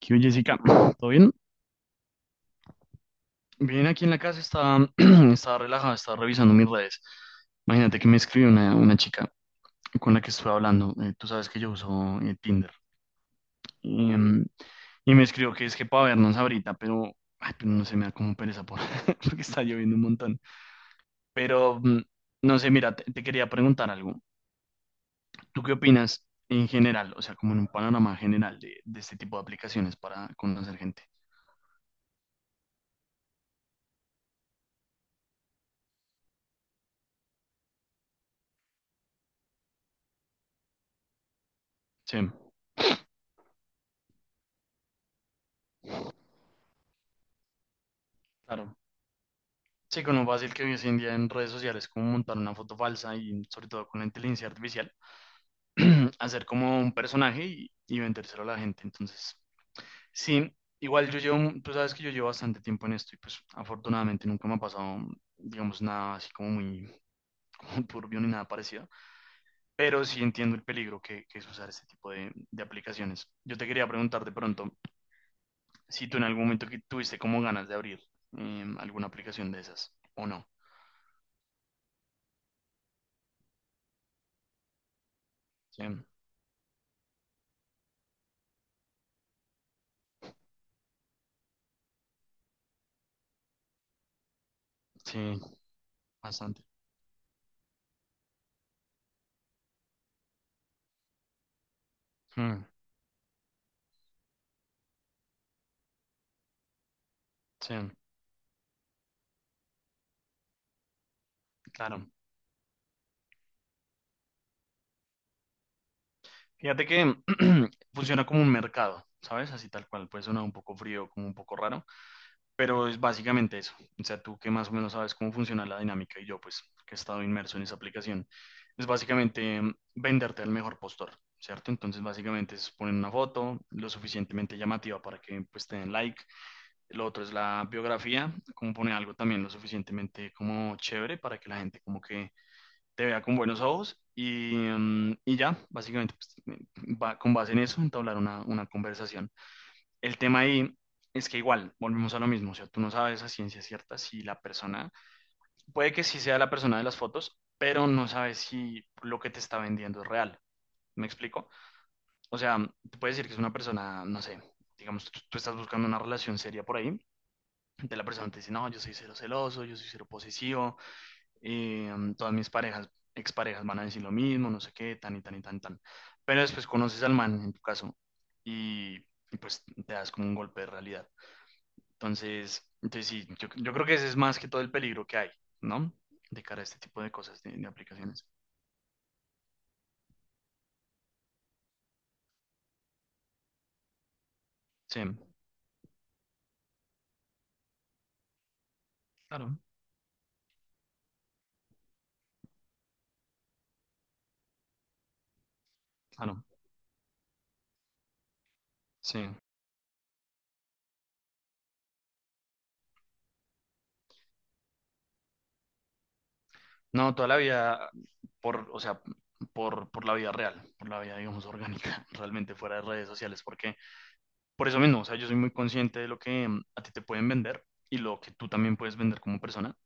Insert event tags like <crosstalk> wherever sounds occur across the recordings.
¿Qué hubo, Jessica? <clears throat> ¿Todo bien? Bien, aquí en la casa estaba, <clears throat> estaba relajada, estaba revisando mis redes. Imagínate que me escribió una chica con la que estuve hablando. Tú sabes que yo uso Tinder. Y, em, y me escribió que es que para vernos ahorita, pero, ay, pero no sé, me da como pereza por, <laughs> porque está lloviendo un montón. Pero, mm, no sé, mira, te quería preguntar algo. ¿Tú qué opinas en general, o sea, como en un panorama general de este tipo de aplicaciones para conocer gente? Sí, claro. Sí, con lo fácil que hoy en día en redes sociales, como montar una foto falsa y sobre todo con la inteligencia artificial, <clears throat> hacer como un personaje y vendérselo a la gente. Entonces, sí, igual yo llevo, tú sabes que yo llevo bastante tiempo en esto y pues afortunadamente nunca me ha pasado, digamos, nada así como muy <laughs> como turbio ni nada parecido, pero sí entiendo el peligro que es usar este tipo de aplicaciones. Yo te quería preguntar de pronto si tú en algún momento que tuviste como ganas de abrir alguna aplicación de esas o no. Sí, sí, bastante. Mm, sí, claro. Fíjate que <clears throat> funciona como un mercado, ¿sabes? Así tal cual, puede sonar un poco frío, como un poco raro, pero es básicamente eso. O sea, tú que más o menos sabes cómo funciona la dinámica y yo, pues, que he estado inmerso en esa aplicación, es básicamente venderte al mejor postor, ¿cierto? Entonces, básicamente es poner una foto lo suficientemente llamativa para que, pues, te den like. Lo otro es la biografía, como poner algo también lo suficientemente como chévere para que la gente como que te vea con buenos ojos y y ya, básicamente, pues, va, con base en eso, entablar una conversación. El tema ahí es que igual, volvemos a lo mismo, o sea, tú no sabes a ciencia cierta si la persona, puede que sí sea la persona de las fotos, pero no sabes si lo que te está vendiendo es real. ¿Me explico? O sea, te puedes decir que es una persona, no sé, digamos, tú estás buscando una relación seria por ahí, de la persona te dice, no, yo soy cero celoso, yo soy cero posesivo, todas mis parejas, exparejas van a decir lo mismo, no sé qué, tan y tan y tan, tan. Pero después conoces al man, en tu caso, y, y pues te das como un golpe de realidad. Entonces, entonces sí, yo creo que ese es más que todo el peligro que hay, ¿no? De cara a este tipo de cosas, de aplicaciones. Sí, claro, claro, sí. No, toda la vida, por, o sea, por la vida real, por la vida, digamos, orgánica, <laughs> realmente fuera de redes sociales, porque por eso mismo, o sea, yo soy muy consciente de lo que a ti te pueden vender y lo que tú también puedes vender como persona,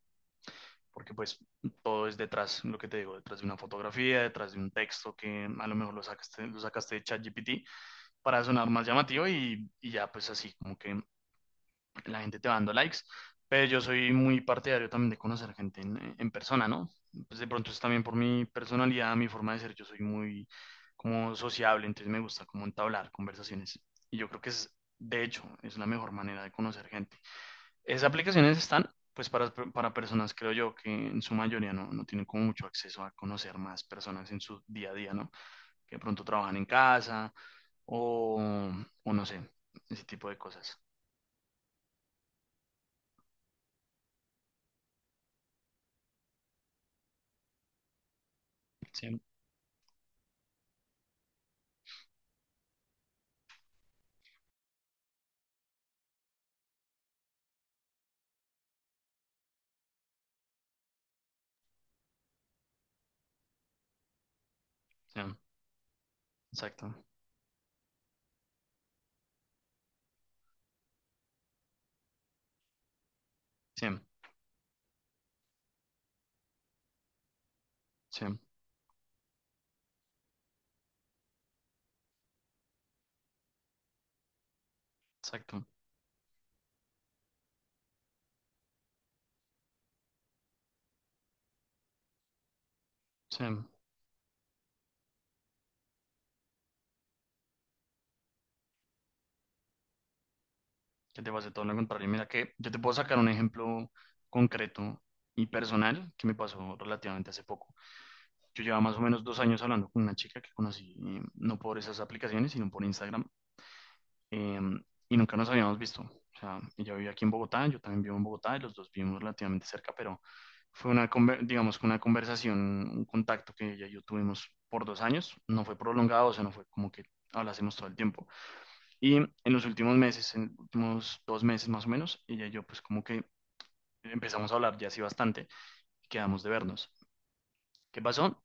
porque pues todo es detrás, lo que te digo, detrás de una fotografía, detrás de un texto que a lo mejor lo sacaste de ChatGPT para sonar más llamativo y ya pues así como que la gente te va dando likes, pero yo soy muy partidario también de conocer gente en persona, ¿no? Pues de pronto es también por mi personalidad, mi forma de ser, yo soy muy como sociable, entonces me gusta como entablar conversaciones. Y yo creo que es, de hecho, es la mejor manera de conocer gente. Esas aplicaciones están, pues, para personas, creo yo, que en su mayoría no, no tienen como mucho acceso a conocer más personas en su día a día, ¿no? Que de pronto trabajan en casa o, o no sé, ese tipo de cosas. Sí, sí, exacto. Sí, sí, exacto. Sí, que te vas pase todo lo contrario. Mira que yo te puedo sacar un ejemplo concreto y personal que me pasó relativamente hace poco. Yo llevaba más o menos dos años hablando con una chica que conocí, no por esas aplicaciones, sino por Instagram, eh, y nunca nos habíamos visto. O sea, ella vivía aquí en Bogotá, yo también vivo en Bogotá, y los dos vivimos relativamente cerca, pero fue una, digamos, que una conversación, un contacto que ella y yo tuvimos por dos años. No fue prolongado, o sea, no fue como que hablásemos todo el tiempo. Y en los últimos meses, en los últimos dos meses más o menos, ella y yo pues como que empezamos a hablar ya así bastante y quedamos de vernos. ¿Qué pasó?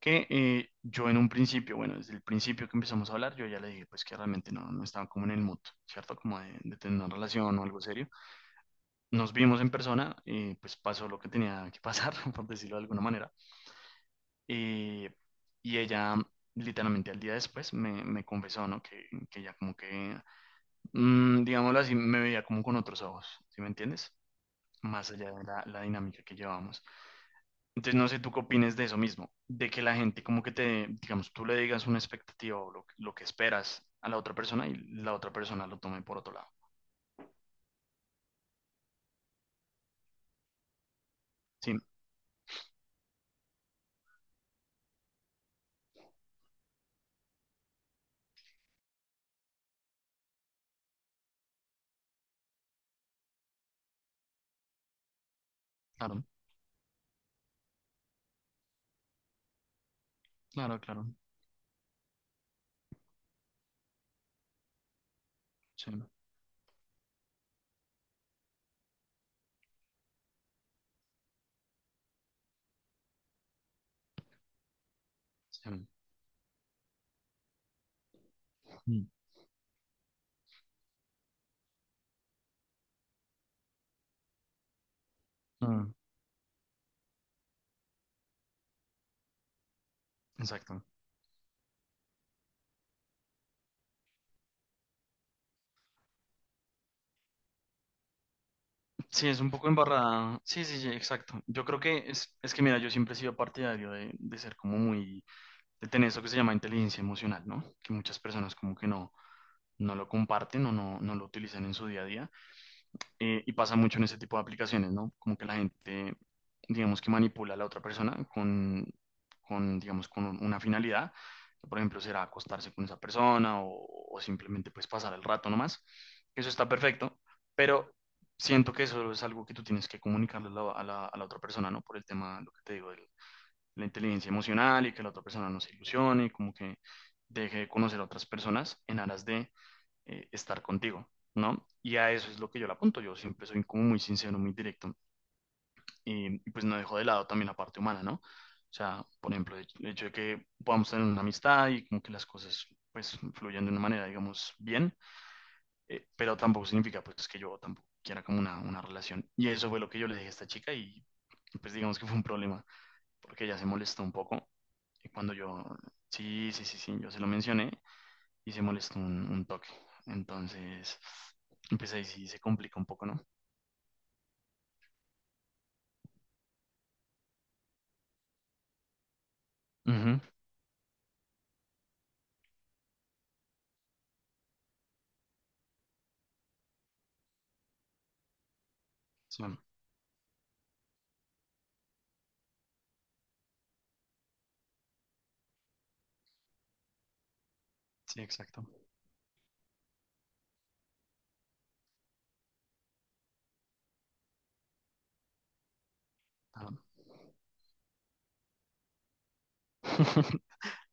Que yo en un principio, bueno, desde el principio que empezamos a hablar, yo ya le dije pues que realmente no, no estaba como en el mood, ¿cierto? Como de tener una relación o algo serio. Nos vimos en persona y pues pasó lo que tenía que pasar, <laughs> por decirlo de alguna manera. Y, y ella literalmente al día después me, me confesó, ¿no? Que ella como que digámoslo así, me veía como con otros ojos, ¿sí me entiendes? Más allá de la, la dinámica que llevábamos. Entonces, no sé tú qué opines de eso mismo, de que la gente como que te, digamos, tú le digas una expectativa o lo que esperas a la otra persona y la otra persona lo tome por otro lado. Sí, claro, claro, claro. Sí, sí. Mm. Mm. Exacto. Sí, es un poco embarrada. Sí, sí, sí, exacto. Yo creo que es que, mira, yo siempre he sido partidario de ser como muy, de tener eso que se llama inteligencia emocional, ¿no? Que muchas personas como que no, no lo comparten o no, no lo utilizan en su día a día. Y pasa mucho en ese tipo de aplicaciones, ¿no? Como que la gente, digamos que manipula a la otra persona con digamos, con una finalidad, que por ejemplo será acostarse con esa persona o simplemente pues pasar el rato nomás. Eso está perfecto, pero siento que eso es algo que tú tienes que comunicarle a la, a la otra persona, ¿no? Por el tema, lo que te digo, de la inteligencia emocional y que la otra persona no se ilusione, como que deje de conocer a otras personas en aras de estar contigo, ¿no? Y a eso es lo que yo le apunto, yo siempre soy como muy sincero, muy directo, y pues no dejo de lado también la parte humana, ¿no? O sea, por ejemplo, el hecho de que podamos tener una amistad y como que las cosas pues fluyan de una manera, digamos, bien, pero tampoco significa pues que yo tampoco quiera como una relación. Y eso fue lo que yo le dije a esta chica y pues digamos que fue un problema, porque ella se molestó un poco y cuando yo, sí, sí, sí, sí, yo se lo mencioné y se molestó un toque. Entonces, pues ahí sí se complica un poco, ¿no? Ujú. Sí, sí, exacto. Ah, <laughs>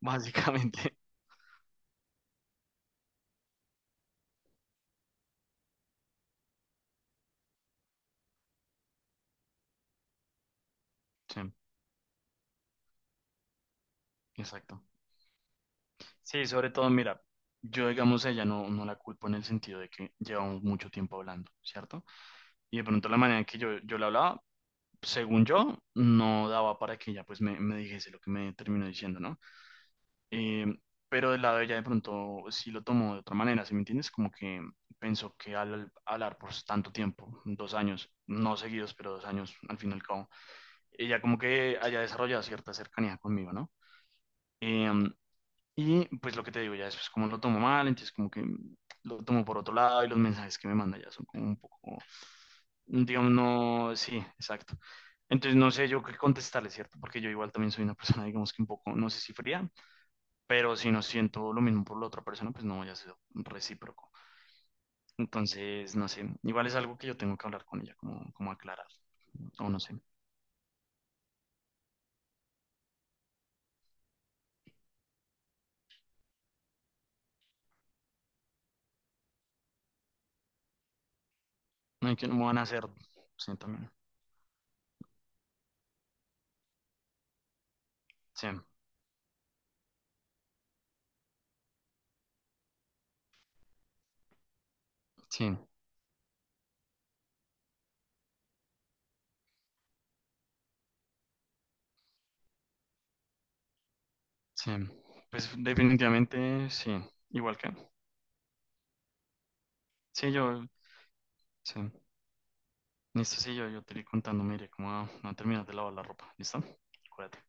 básicamente, sí, exacto. Sí, sobre todo, mira, yo digamos a ella no, no la culpo en el sentido de que llevamos mucho tiempo hablando, ¿cierto? Y de pronto la manera en que yo la hablaba, según yo, no daba para que ella pues me dijese lo que me terminó diciendo, ¿no? Em, pero del lado de ella de pronto sí lo tomó de otra manera, ¿sí me entiendes? Como que pensó que al hablar por tanto tiempo, dos años, no seguidos, pero dos años al fin y al cabo, ella como que haya desarrollado cierta cercanía conmigo, ¿no? Em, y pues lo que te digo, ya después como lo tomo mal, entonces como que lo tomo por otro lado y los mensajes que me manda ya son como un poco, digamos, no, sí, exacto. Entonces no sé yo qué contestarle, ¿cierto? Porque yo igual también soy una persona, digamos que un poco, no sé si fría, pero si no siento lo mismo por la otra persona, pues no voy a ser recíproco. Entonces, no sé, igual es algo que yo tengo que hablar con ella, como, como aclarar, o no sé, no hay que no van a hacer, sí, también, sí, sí, sí, pues definitivamente sí, igual que, sí, yo, sí, listo, sí, yo te iré contando, mire, cómo va a terminar de lavar la ropa, ¿listo? Cuídate.